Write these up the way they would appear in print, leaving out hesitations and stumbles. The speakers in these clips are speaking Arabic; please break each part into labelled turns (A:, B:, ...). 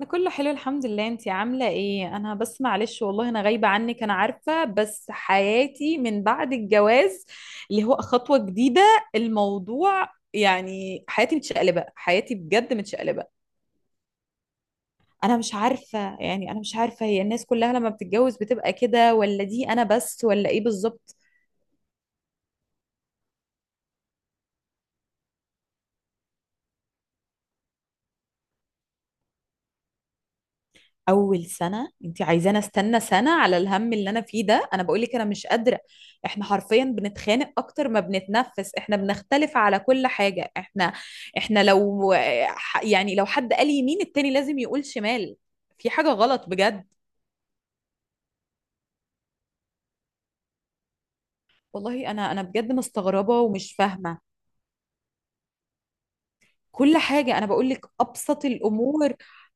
A: انا كله حلو، الحمد لله. انتي عامله ايه؟ انا بس معلش، والله انا غايبه عنك، انا عارفه، بس حياتي من بعد الجواز اللي هو خطوه جديده، الموضوع يعني حياتي متشقلبه، حياتي بجد متشقلبه. انا مش عارفه، يعني انا مش عارفه هي الناس كلها لما بتتجوز بتبقى كده، ولا دي انا بس، ولا ايه بالظبط؟ اول سنه انت عايزاني استنى سنه على الهم اللي انا فيه ده؟ انا بقول لك انا مش قادره. احنا حرفيا بنتخانق اكتر ما بنتنفس، احنا بنختلف على كل حاجه. احنا لو حد قال يمين التاني لازم يقول شمال. في حاجه غلط بجد. والله انا بجد مستغربه ومش فاهمه. كل حاجة، أنا بقول لك أبسط الأمور.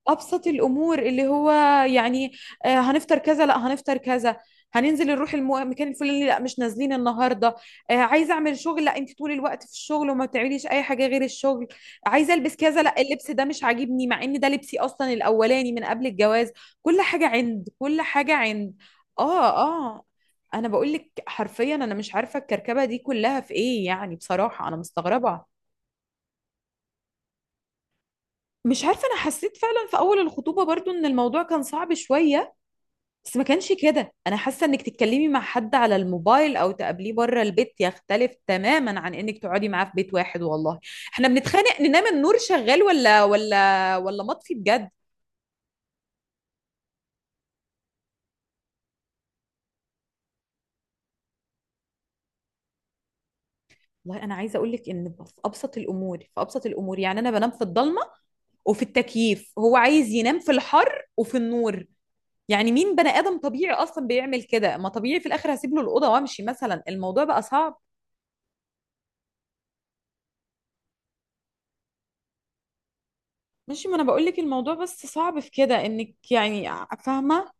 A: أبسط الأمور اللي هو يعني آه، هنفطر كذا لا هنفطر كذا. هننزل نروح المكان الفلاني، لا مش نازلين النهاردة. آه، عايزة أعمل شغل، لا أنت طول الوقت في الشغل وما بتعمليش أي حاجة غير الشغل. عايزة ألبس كذا، لا اللبس ده مش عاجبني، مع إن ده لبسي أصلا الأولاني من قبل الجواز. كل حاجة عند، كل حاجة عند. آه، آه. أنا بقول لك حرفيا، أنا مش عارفة الكركبة دي كلها في إيه يعني، بصراحة أنا مستغربة. مش عارفة، أنا حسيت فعلا في أول الخطوبة برضو إن الموضوع كان صعب شوية. بس ما كانش كده. أنا حاسة إنك تتكلمي مع حد على الموبايل أو تقابليه بره البيت يختلف تماما عن إنك تقعدي معاه في بيت واحد، والله. إحنا بنتخانق، ننام النور شغال ولا مطفي بجد. والله أنا عايزة أقول لك إن في أبسط الأمور، يعني أنا بنام في الضلمة وفي التكييف، هو عايز ينام في الحر وفي النور. يعني مين بني آدم طبيعي أصلا بيعمل كده؟ ما طبيعي في الآخر هسيب له الأوضة وأمشي مثلا، الموضوع بقى صعب. ماشي، ما انا بقول لك الموضوع بس صعب في كده انك يعني. فاهمه.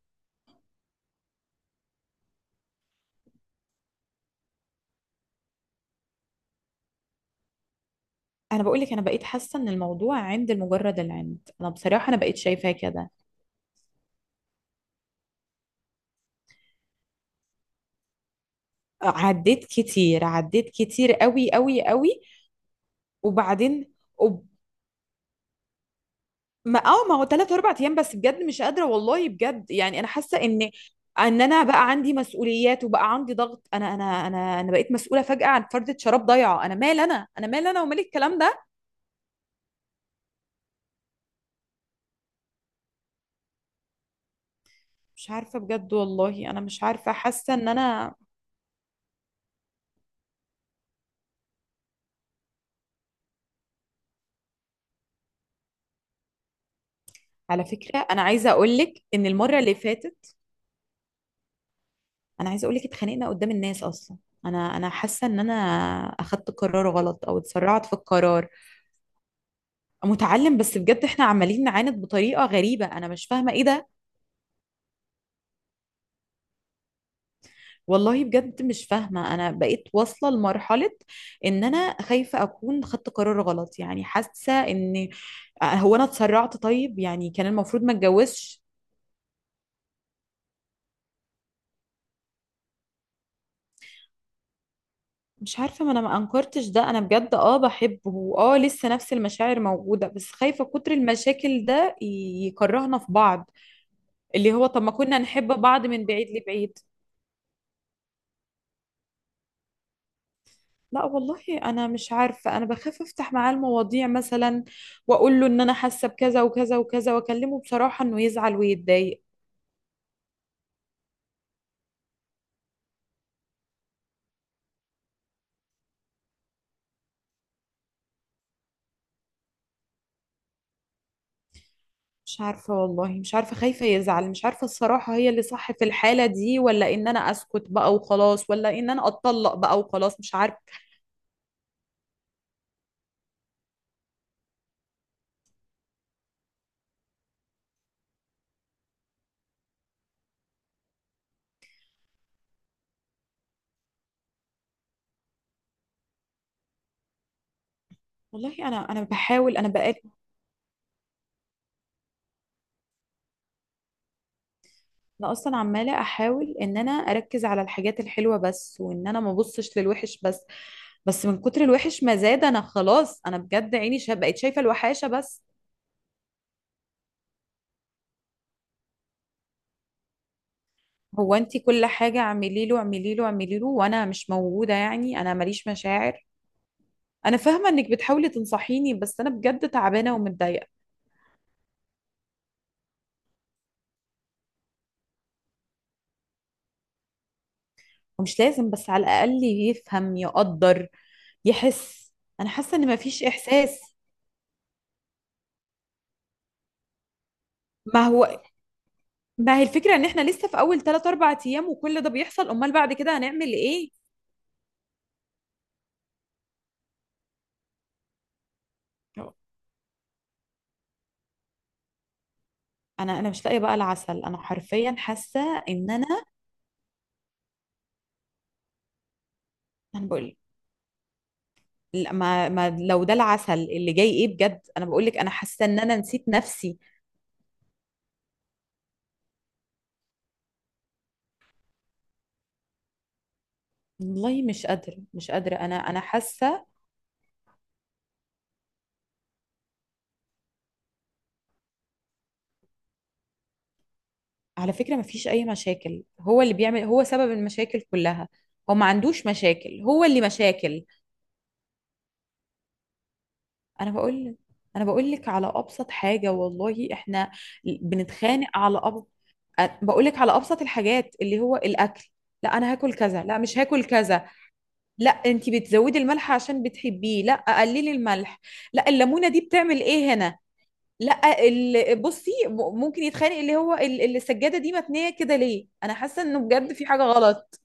A: انا بقول لك، انا بقيت حاسه ان الموضوع عند، مجرد العند. انا بصراحه انا بقيت شايفاه كده. عديت كتير، عديت كتير قوي قوي قوي. وبعدين. وب... ما هو ثلاث اربع ايام، بس بجد مش قادره والله، بجد يعني انا حاسه ان ان انا بقى عندي مسؤوليات وبقى عندي ضغط، انا بقيت مسؤوله فجاه عن فردة شراب ضايعه. انا مال انا، ومال الكلام ده. مش عارفه بجد، والله انا مش عارفه، حاسه ان انا. على فكرة أنا عايزة أقولك إن المرة اللي فاتت، أنا عايزة أقولك اتخانقنا قدام الناس أصلا. أنا حاسة إن أنا أخدت قرار غلط أو اتسرعت في القرار. متعلم، بس بجد إحنا عمالين نعاند بطريقة غريبة، أنا مش فاهمة إيه ده. والله بجد مش فاهمة. أنا بقيت واصلة لمرحلة إن أنا خايفة أكون خدت قرار غلط، يعني حاسة إن هو أنا اتسرعت؟ طيب يعني كان المفروض ما اتجوزش. مش عارفة، ما انا ما انكرتش ده، انا بجد اه بحبه، واه لسه نفس المشاعر موجودة، بس خايفة كتر المشاكل ده يكرهنا في بعض. اللي هو طب، ما كنا نحب بعض من بعيد لبعيد. لا والله، انا مش عارفة، انا بخاف افتح معاه المواضيع مثلا، واقول له ان انا حاسة بكذا وكذا وكذا، واكلمه بصراحة، انه يزعل ويتضايق. مش عارفة، والله مش عارفة، خايفة يزعل، مش عارفة الصراحة هي اللي صح في الحالة دي، ولا ان انا اسكت بقى وخلاص، ولا ان انا اتطلق بقى وخلاص، مش عارفة. والله انا بحاول، انا بقالي انا اصلا عماله احاول ان انا اركز على الحاجات الحلوه بس، وان انا ما ابصش للوحش بس. بس من كتر الوحش ما زاد، انا خلاص انا بجد عيني بقيت شايفه الوحاشه بس. هو انتي كل حاجه اعملي له، اعملي له، اعملي له، وانا مش موجوده يعني، انا ماليش مشاعر. انا فاهمه انك بتحاولي تنصحيني، بس انا بجد تعبانه ومتضايقه. ومش لازم، بس على الاقل يفهم، يقدر، يحس. انا حاسه ان مفيش احساس. ما هو، ما هي الفكرة ان احنا لسه في اول 3 4 ايام وكل ده بيحصل، امال بعد كده هنعمل ايه؟ انا مش لاقية بقى العسل، انا حرفيا حاسة ان انا. انا بقول لا، ما لو ده العسل اللي جاي ايه بجد، انا بقول لك انا حاسة ان انا نسيت نفسي. والله مش قادرة، مش قادرة، انا حاسة. على فكرة، ما فيش اي مشاكل، هو اللي بيعمل، هو سبب المشاكل كلها. هو ما عندوش مشاكل، هو اللي مشاكل. انا بقول انا بقول لك على ابسط حاجة. والله احنا بنتخانق على بقولك على ابسط الحاجات اللي هو الاكل. لا، انا هاكل كذا، لا مش هاكل كذا. لا انت بتزودي الملح عشان بتحبيه، لا قللي الملح. لا، الليمونه دي بتعمل ايه هنا؟ لا بصي، ممكن يتخانق اللي هو السجاده دي متنيه كده ليه؟ انا حاسه انه بجد في حاجه غلط.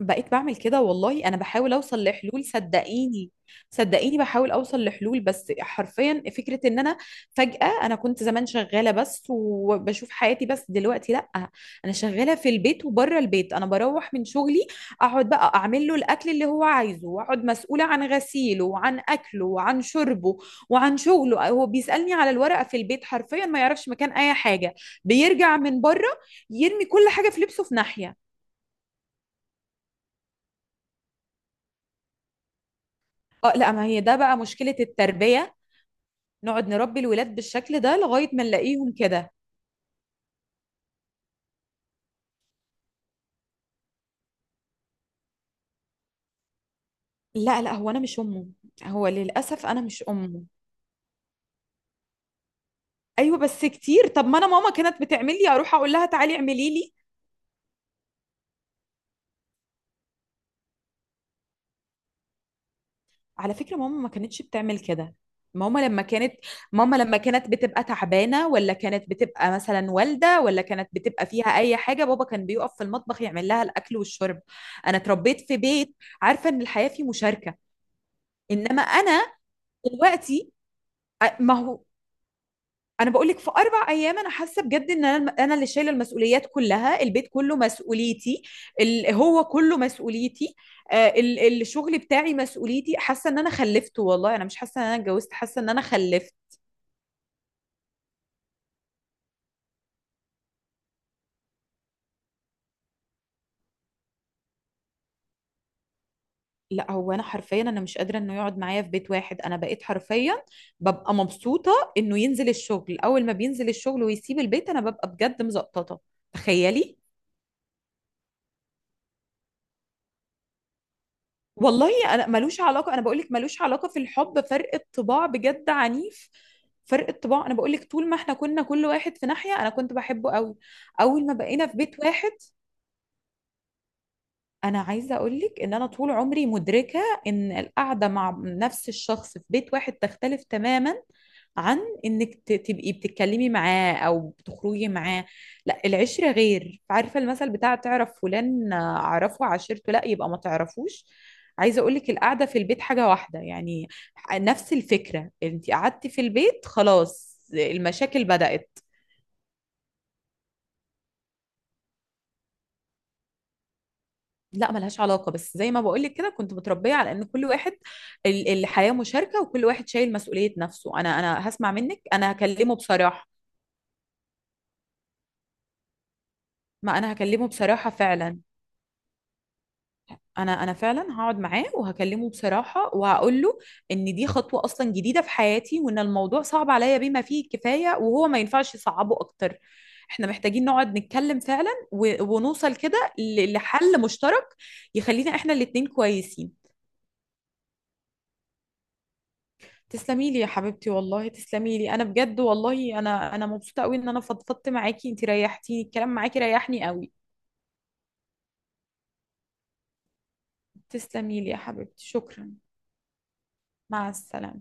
A: بقيت بعمل كده، والله انا بحاول اوصل لحلول، صدقيني. صدقيني بحاول اوصل لحلول، بس حرفيا فكرة ان انا فجأة. انا كنت زمان شغالة بس، وبشوف حياتي بس، دلوقتي لا. انا شغالة في البيت وبره البيت، انا بروح من شغلي، اقعد بقى اعمل له الاكل اللي هو عايزه، واقعد مسؤولة عن غسيله وعن اكله وعن شربه وعن شغله. هو بيسألني على الورقة في البيت، حرفيا ما يعرفش مكان اي حاجة. بيرجع من بره يرمي كل حاجة، في لبسه في ناحية. اه لا، ما هي ده بقى مشكلة التربية. نقعد نربي الولاد بالشكل ده لغاية ما نلاقيهم كده. لا، لا، هو انا مش امه. هو للأسف انا مش امه. ايوه بس كتير. طب ما انا ماما كانت بتعمل لي، اروح اقول لها تعالي اعملي لي. على فكرة، ماما ما كانتش بتعمل كده. ماما لما كانت ماما لما كانت بتبقى تعبانة، ولا كانت بتبقى مثلا والدة، ولا كانت بتبقى فيها اي حاجة، بابا كان بيقف في المطبخ يعمل لها الاكل والشرب. انا اتربيت في بيت عارفة ان الحياة فيه مشاركة. انما انا دلوقتي، أ- ما هو انا بقول لك في اربع ايام، انا حاسه بجد ان انا اللي شايله المسؤوليات كلها، البيت كله مسؤوليتي. هو كله مسؤوليتي. الشغل بتاعي مسؤوليتي. حاسه ان انا خلفت، والله انا مش حاسه ان انا اتجوزت، حاسه ان انا خلفت. لا هو انا حرفيا، انا مش قادره انه يقعد معايا في بيت واحد. انا بقيت حرفيا ببقى مبسوطه انه ينزل الشغل، اول ما بينزل الشغل ويسيب البيت انا ببقى بجد مزقططه. تخيلي، والله انا ملوش علاقه، انا بقول لك ملوش علاقه في الحب، فرق الطباع بجد عنيف. فرق الطباع، انا بقول لك طول ما احنا كنا كل واحد في ناحيه، انا كنت بحبه قوي. اول ما بقينا في بيت واحد. انا عايزه اقولك ان انا طول عمري مدركه ان القعده مع نفس الشخص في بيت واحد تختلف تماما عن انك تبقي بتتكلمي معاه او بتخرجي معاه. لا، العشره غير. عارفه المثل بتاع تعرف فلان؟ آه، اعرفه عشرته؟ لا يبقى ما تعرفوش. عايزه اقولك القعده في البيت حاجه واحده يعني، نفس الفكره. انت قعدتي في البيت، خلاص المشاكل بدأت. لا، ملهاش علاقة، بس زي ما بقولك كده، كنت متربية على ان كل واحد الحياة مشاركة، وكل واحد شايل مسؤولية نفسه. انا هسمع منك، انا هكلمه بصراحة. ما انا هكلمه بصراحة فعلا. انا فعلا هقعد معاه وهكلمه بصراحة، وهقول له ان دي خطوة اصلا جديدة في حياتي، وان الموضوع صعب عليا بما فيه الكفاية، وهو ما ينفعش يصعبه اكتر. احنا محتاجين نقعد نتكلم فعلا ونوصل كده لحل مشترك يخلينا احنا الاتنين كويسين. تسلمي لي يا حبيبتي، والله تسلمي لي. انا بجد والله انا مبسوطه قوي ان انا فضفضت معاكي. انت ريحتيني، الكلام معاكي ريحني قوي. تسلمي لي يا حبيبتي، شكرا. مع السلامه.